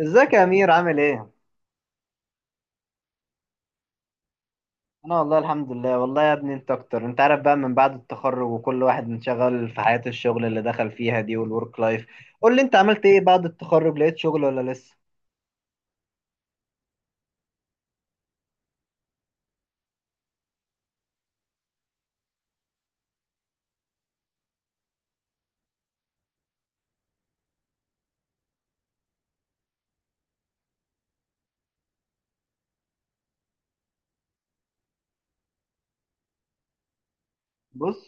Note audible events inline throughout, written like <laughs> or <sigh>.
ازيك يا امير؟ عامل ايه؟ انا والله الحمد لله. والله يا ابني انت اكتر، انت عارف بقى من بعد التخرج وكل واحد منشغل في حياة الشغل اللي دخل فيها دي والورك لايف. قول لي انت عملت ايه بعد التخرج، لقيت شغل ولا لسه؟ بص.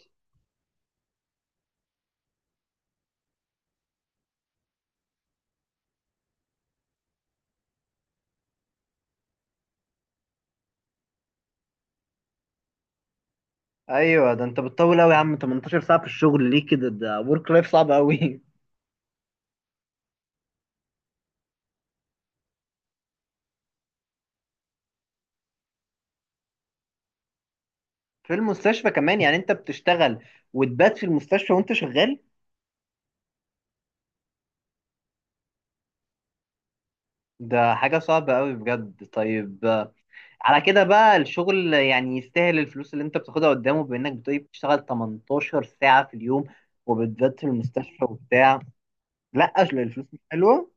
ايوه، ده انت بتطول قوي يا عم، 18 ساعة في الشغل ليه كده؟ ده ورك لايف صعب قوي. <laughs> في المستشفى كمان؟ يعني انت بتشتغل وتبات في المستشفى وانت شغال؟ ده حاجة صعبة قوي بجد. طيب على كده بقى الشغل يعني يستاهل الفلوس اللي انت بتاخدها، قدامه بانك بتقولي بتشتغل 18 ساعة في اليوم وبالذات في المستشفى وبتاع. لا اصل الفلوس مش حلوة.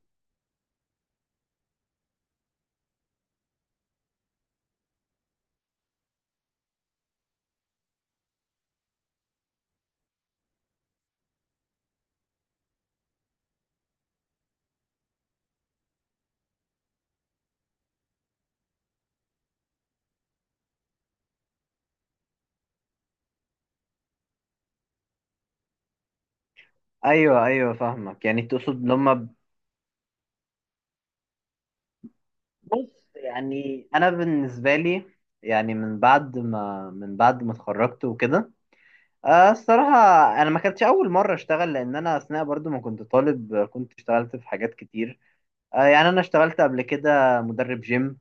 ايوه ايوه فاهمك، يعني تقصد لما بص يعني انا بالنسبة لي، يعني من بعد ما اتخرجت وكده. الصراحة انا ما كانتش اول مرة اشتغل، لان انا اثناء برضو ما كنت طالب كنت اشتغلت في حاجات كتير. يعني انا اشتغلت قبل كده مدرب جيم،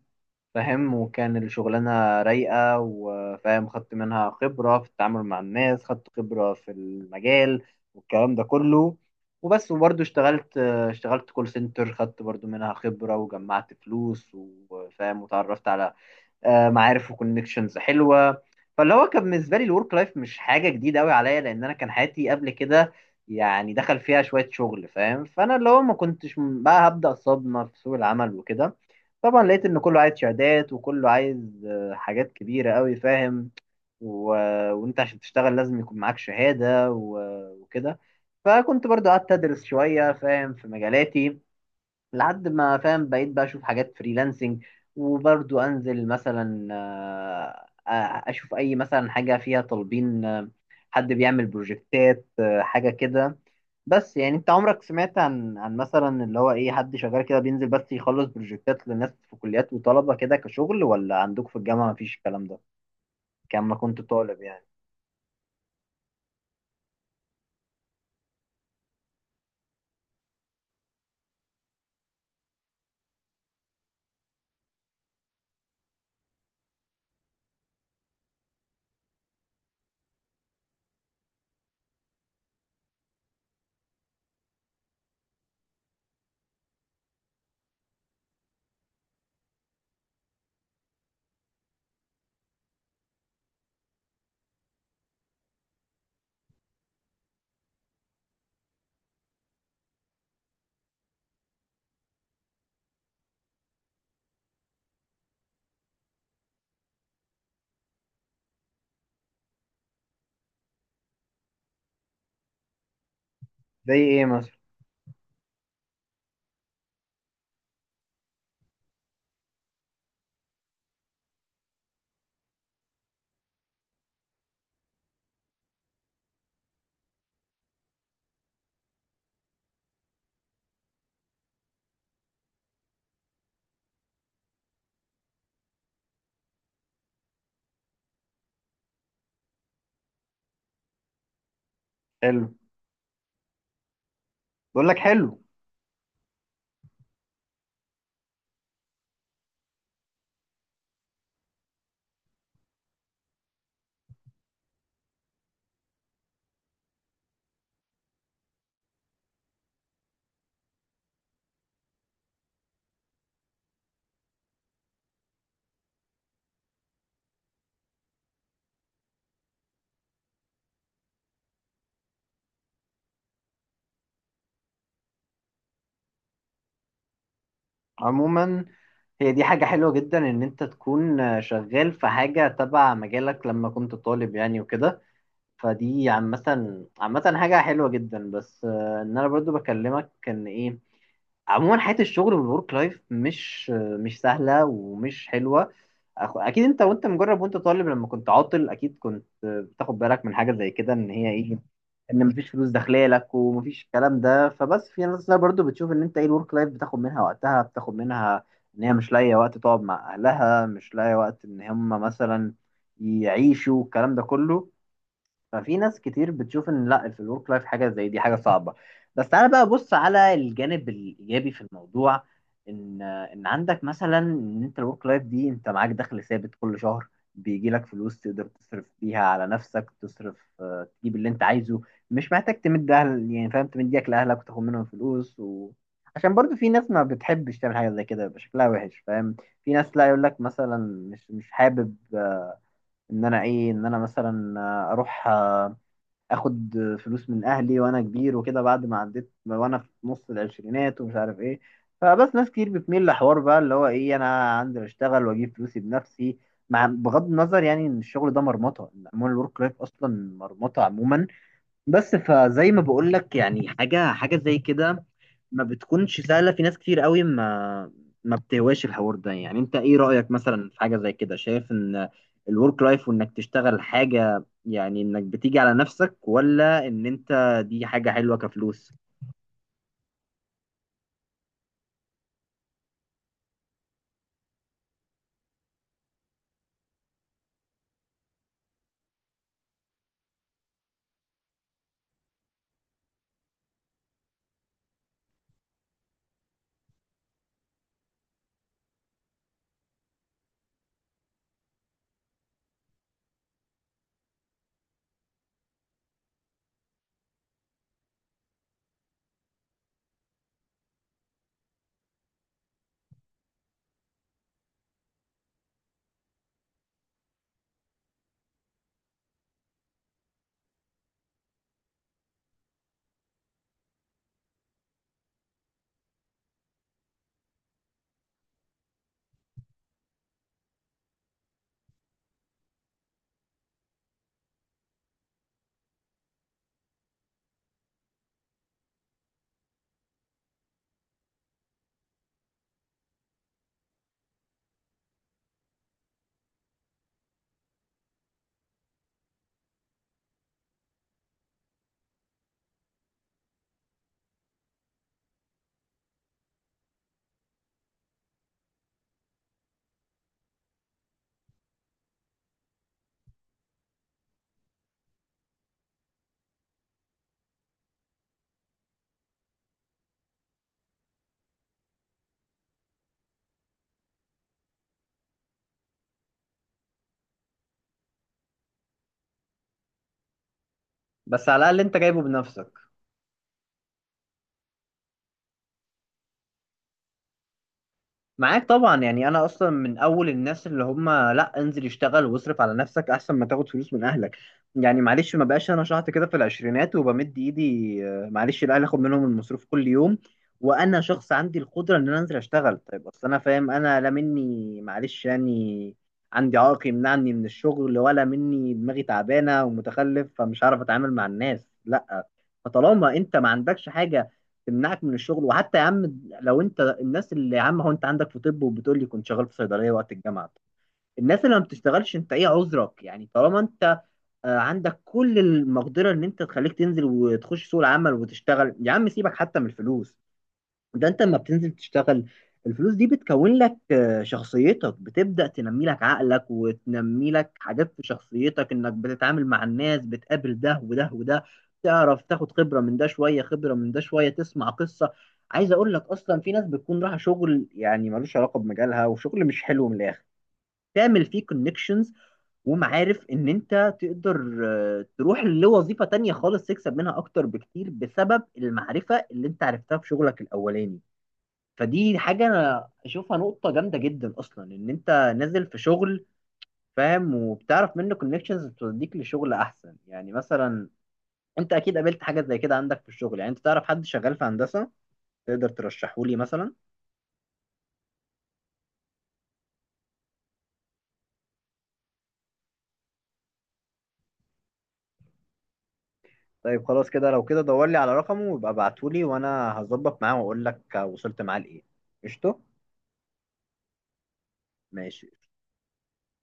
فاهم؟ وكان الشغلانة رايقة، وفاهم خدت منها خبرة في التعامل مع الناس، خدت خبرة في المجال والكلام ده كله. وبس وبرضه اشتغلت، كول سنتر، خدت برضه منها خبرة وجمعت فلوس، وفاهم وتعرفت على معارف وكونكشنز حلوه. فاللي هو كان بالنسبه لي الورك لايف مش حاجه جديده قوي عليا، لان انا كان حياتي قبل كده يعني دخل فيها شويه شغل، فاهم؟ فانا اللي هو ما كنتش م- بقى هبدا صدمه في سوق العمل وكده. طبعا لقيت ان كله عايز شهادات، وكله عايز حاجات كبيره قوي، فاهم؟ و... وانت عشان تشتغل لازم يكون معاك شهاده وكده. فكنت برضو قعدت ادرس شويه، فاهم، في مجالاتي. لحد ما فاهم بقيت بقى اشوف حاجات فريلانسنج، وبرضو انزل مثلا، اشوف اي مثلا حاجه فيها طالبين، حد بيعمل بروجكتات، حاجه كده. بس يعني انت عمرك سمعت عن مثلا اللي هو ايه، حد شغال كده بينزل بس يخلص بروجكتات للناس في كليات وطلبه كده، كشغل؟ ولا عندكم في الجامعه مفيش الكلام ده كان ما كنت طالب يعني؟ زي ايه مثلا؟ حلو. بقول لك حلو. عموما هي دي حاجة حلوة جدا إن أنت تكون شغال في حاجة تبع مجالك لما كنت طالب يعني وكده، فدي عامة. عامة حاجة حلوة جدا، بس إن أنا برضو بكلمك إن إيه، عموما حياة الشغل والورك لايف مش سهلة ومش حلوة. أكيد أنت، وأنت مجرب وأنت طالب لما كنت عاطل، أكيد كنت بتاخد بالك من حاجة زي كده، إن هي إيه، إن مفيش فلوس داخلة لك ومفيش الكلام ده. فبس في ناس لا برضو بتشوف إن أنت إيه الورك لايف بتاخد منها وقتها، بتاخد منها إن هي مش لاقية وقت تقعد مع أهلها، مش لاقية وقت إن هم مثلا يعيشوا الكلام ده كله. ففي ناس كتير بتشوف ان لا في الورك لايف حاجه زي دي حاجه صعبه. بس تعالى بقى بص على الجانب الايجابي في الموضوع، ان عندك مثلا، ان انت الورك لايف دي انت معاك دخل ثابت كل شهر بيجي لك فلوس، تقدر تصرف بيها على نفسك، تصرف تجيب اللي انت عايزه، مش محتاج تمد اهل يعني، فاهم، تمديك لاهلك وتاخد منهم فلوس عشان برضو في ناس ما بتحبش تعمل حاجه زي كده، بيبقى شكلها وحش، فاهم؟ في ناس لا يقول لك مثلا مش حابب ان انا ايه، ان انا مثلا اروح اخد فلوس من اهلي وانا كبير وكده، بعد ما عديت وانا في نص العشرينات ومش عارف ايه. فبس ناس كتير بتميل لحوار بقى اللي هو ايه، انا عندي اشتغل واجيب فلوسي بنفسي، مع بغض النظر يعني ان الشغل ده مرمطه، عموما الورك لايف اصلا مرمطه عموما. بس فزي ما بقول لك يعني، حاجه، حاجه زي كده ما بتكونش سهلة، في ناس كتير قوي ما بتهواش الحوار ده يعني. انت ايه رأيك مثلا في حاجة زي كده؟ شايف ان الورك لايف وانك تشتغل حاجة يعني انك بتيجي على نفسك؟ ولا ان انت دي حاجة حلوة كفلوس؟ بس على الأقل انت جايبه بنفسك. معاك طبعا يعني، انا اصلا من اول الناس اللي هم لا، انزل اشتغل واصرف على نفسك احسن ما تاخد فلوس من اهلك، يعني معلش. ما بقاش انا شحط كده في العشرينات وبمد ايدي، معلش الاهل اخد منهم المصروف كل يوم، وانا شخص عندي القدره ان انا انزل اشتغل. طيب اصل انا فاهم، انا لا مني معلش يعني عندي عائق يمنعني من الشغل، ولا مني دماغي تعبانه ومتخلف فمش هعرف اتعامل مع الناس، لا. فطالما انت ما عندكش حاجه تمنعك من الشغل، وحتى يا عم لو انت الناس اللي يا عم، هو انت عندك في طب وبتقول لي كنت شغال في صيدليه وقت الجامعه، الناس اللي ما بتشتغلش انت ايه عذرك يعني؟ طالما انت عندك كل المقدره ان انت تخليك تنزل وتخش سوق العمل وتشتغل. يا عم سيبك حتى من الفلوس، ده انت لما بتنزل تشتغل الفلوس دي بتكون لك، شخصيتك بتبدأ تنمي لك عقلك وتنمي لك حاجات في شخصيتك، انك بتتعامل مع الناس، بتقابل ده وده وده، تعرف تاخد خبرة من ده شوية، خبرة من ده شوية، تسمع قصة. عايز اقول لك اصلا، في ناس بتكون رايحة شغل يعني ملوش علاقة بمجالها، وشغل مش حلو، من الاخر تعمل فيه كونكشنز ومعارف ان انت تقدر تروح لوظيفة تانية خالص تكسب منها اكتر بكتير بسبب المعرفة اللي انت عرفتها في شغلك الاولاني. فدي حاجة أنا أشوفها نقطة جامدة جدا أصلا، إن أنت نازل في شغل، فاهم، وبتعرف منه كونكشنز توديك لشغل أحسن. يعني مثلا أنت أكيد قابلت حاجة زي كده عندك في الشغل، يعني أنت تعرف حد شغال في هندسة تقدر ترشحه لي مثلا؟ طيب خلاص كده، لو كده دور لي على رقمه ويبقى ابعته لي، وأنا هظبط معاه وأقول لك وصلت معاه لإيه. قشطة. ماشي.